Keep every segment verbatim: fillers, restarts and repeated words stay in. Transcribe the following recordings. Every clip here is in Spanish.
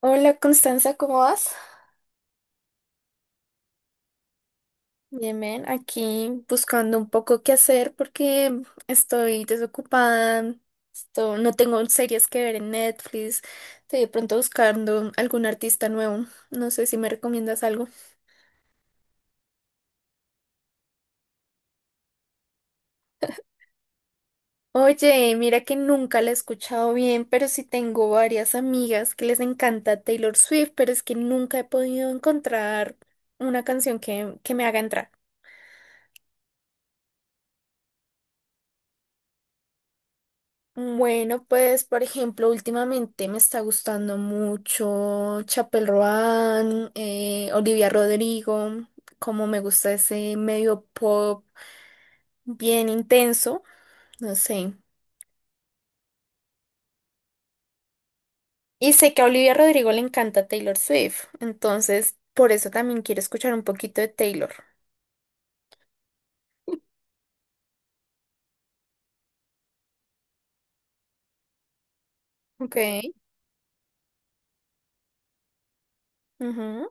Hola Constanza, ¿cómo vas? Bien, bien, aquí buscando un poco qué hacer porque estoy desocupada, esto- no tengo series que ver en Netflix, estoy de pronto buscando algún artista nuevo, no sé si me recomiendas algo. Oye, mira que nunca la he escuchado bien, pero sí tengo varias amigas que les encanta Taylor Swift, pero es que nunca he podido encontrar una canción que, que me haga entrar. Bueno, pues por ejemplo, últimamente me está gustando mucho Chapel Roan, eh, Olivia Rodrigo, como me gusta ese medio pop bien intenso, no sé. Y sé que a Olivia Rodrigo le encanta Taylor Swift, entonces por eso también quiero escuchar un poquito de Taylor. Ok, ujú,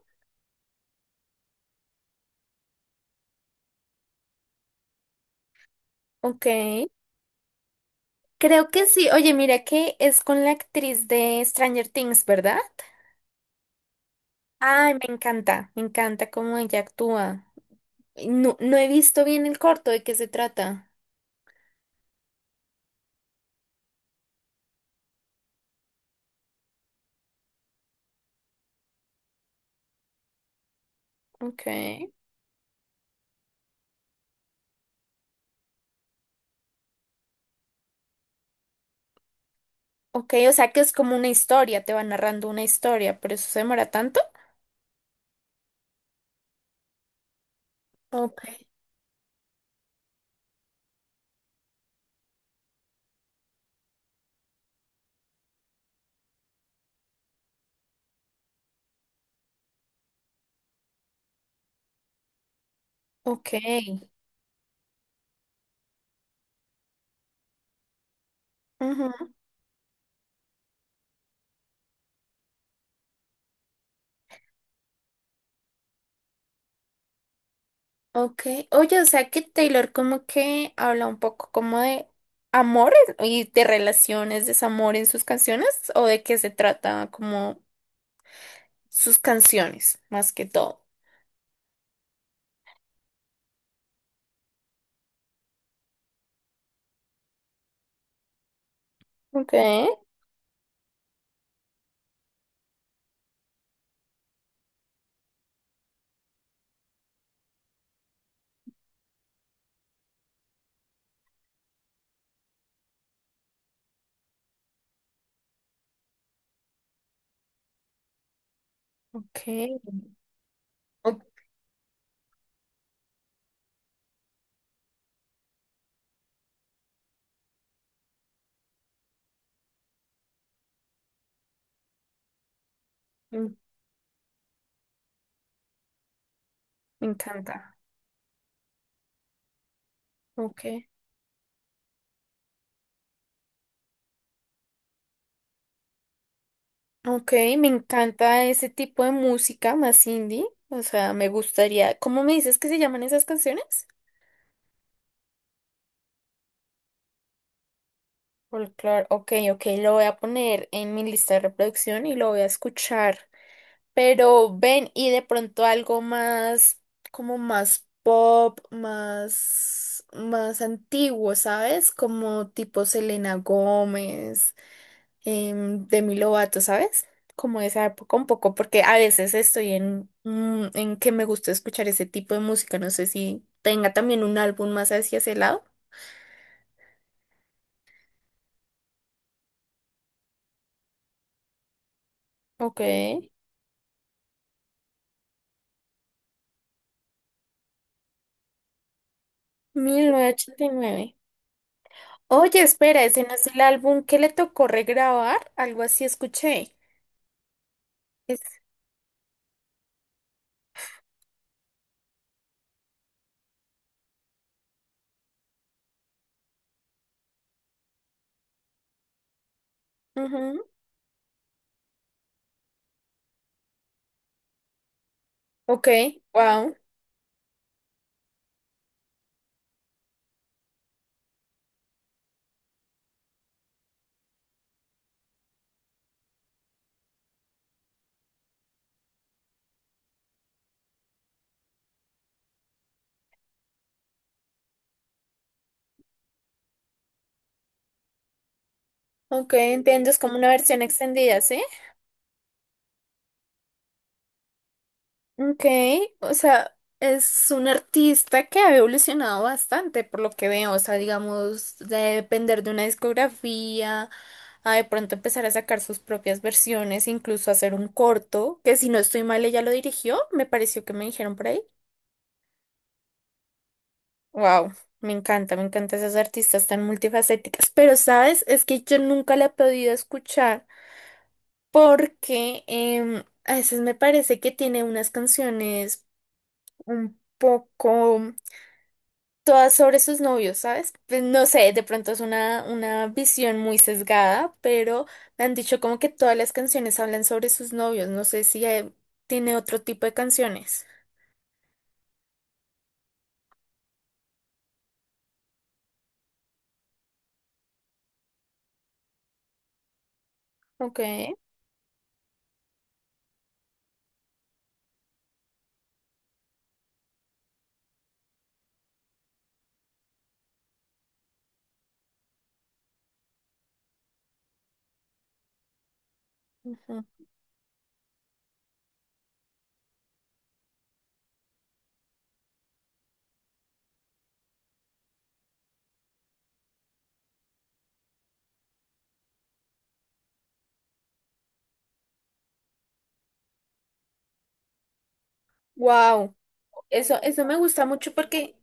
ok. Creo que sí. Oye, mira que es con la actriz de Stranger Things, ¿verdad? Ay, me encanta, me encanta cómo ella actúa. No, no he visto bien el corto, ¿de qué se trata? Ok. Ok, o sea que es como una historia, te va narrando una historia, por eso se demora tanto. Ok. Ok, ujú, ok. Oye, o sea que Taylor como que habla un poco como de amores y de relaciones, desamor en sus canciones, o de qué se trata como sus canciones, más que todo. Ok. Ok, ok, Me me encanta. Ok. Ok, me encanta ese tipo de música más indie. O sea, me gustaría. ¿Cómo me dices que se llaman esas canciones? Folklore. Ok, ok, lo voy a poner en mi lista de reproducción y lo voy a escuchar. Pero ven y de pronto algo más, como más pop, más, más antiguo, ¿sabes? Como tipo Selena Gómez. em, De mi Lovato, ¿sabes? Como esa época un poco, porque a veces estoy en, mm, en que me gusta escuchar ese tipo de música. No sé si tenga también un álbum más hacia ese lado. Ok. mil novecientos ochenta y nueve. Oye, espera, ese no es el álbum que le tocó regrabar, algo así escuché. Es... ujú, ok, wow. Ok, entiendo, es como una versión extendida, ¿sí? Ok, o sea, es un artista que ha evolucionado bastante por lo que veo, o sea, digamos, de depender de una discografía, a de pronto empezar a sacar sus propias versiones, incluso hacer un corto, que si no estoy mal, ella lo dirigió, me pareció que me dijeron por ahí. Wow, me encanta, me encantan esas artistas tan multifacéticas, pero sabes, es que yo nunca la he podido escuchar porque em, a veces me parece que tiene unas canciones un poco... todas sobre sus novios, ¿sabes? Pues no sé, de pronto es una, una visión muy sesgada, pero me han dicho como que todas las canciones hablan sobre sus novios. No sé si eh, tiene otro tipo de canciones. Ok. Wow. Eso, eso me gusta mucho porque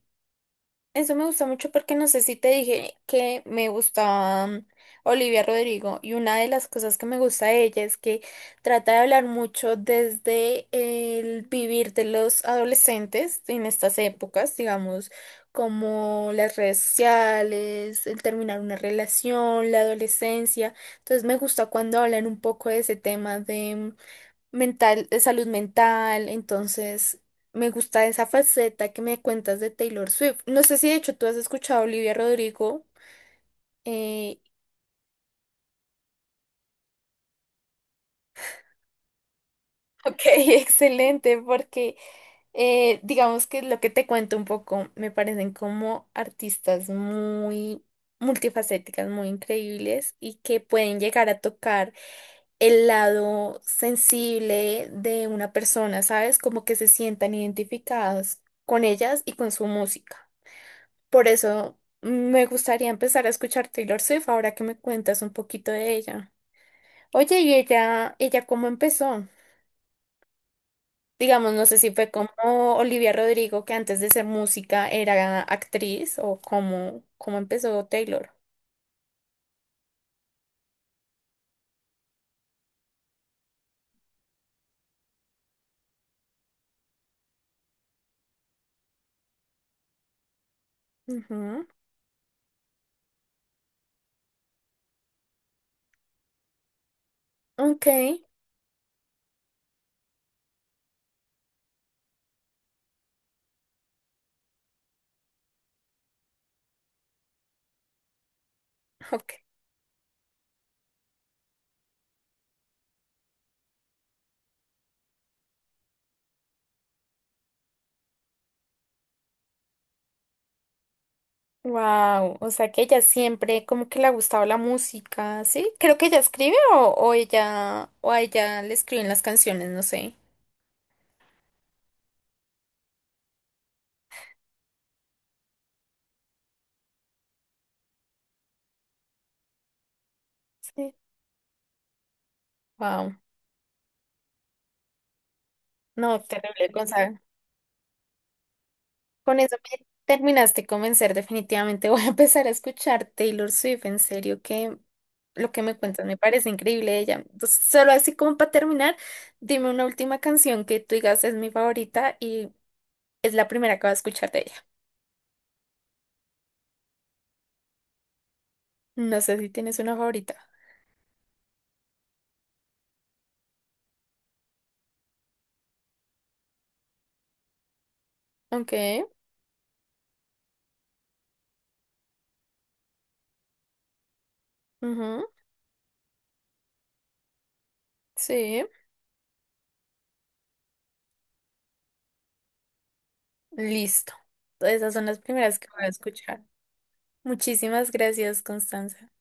eso me gusta mucho porque no sé si te dije que me gustaba mm, Olivia Rodrigo y una de las cosas que me gusta de ella es que trata de hablar mucho desde el vivir de los adolescentes en estas épocas, digamos, como las redes sociales, el terminar una relación, la adolescencia. Entonces me gusta cuando hablan un poco de ese tema mental, de salud mental, entonces me gusta esa faceta que me cuentas de Taylor Swift. No sé si de hecho tú has escuchado a Olivia Rodrigo. eh, ok, excelente, porque eh, digamos que lo que te cuento un poco me parecen como artistas muy multifacéticas, muy increíbles y que pueden llegar a tocar el lado sensible de una persona, ¿sabes? Como que se sientan identificadas con ellas y con su música. Por eso me gustaría empezar a escuchar Taylor Swift ahora que me cuentas un poquito de ella. Oye, ¿y ella, ella cómo empezó? Digamos, no sé si fue como Olivia Rodrigo, que antes de ser música era actriz, o cómo, cómo empezó Taylor. Ujú. Ok, ok. Wow, o sea que ella siempre como que le ha gustado la música, ¿sí? Creo que ella escribe o, o ella o a ella le escriben las canciones, no sé. Sí. Wow. No, terrible, Gonzalo. Con eso me terminaste de convencer, definitivamente voy a empezar a escuchar Taylor Swift, en serio que lo que me cuentas me parece increíble de ella. Entonces, solo así como para terminar, dime una última canción que tú digas es mi favorita y es la primera que voy a escuchar de ella. No sé si tienes una favorita. Ok, ujú, sí, listo. Todas esas son las primeras que voy a escuchar. Muchísimas gracias, Constanza.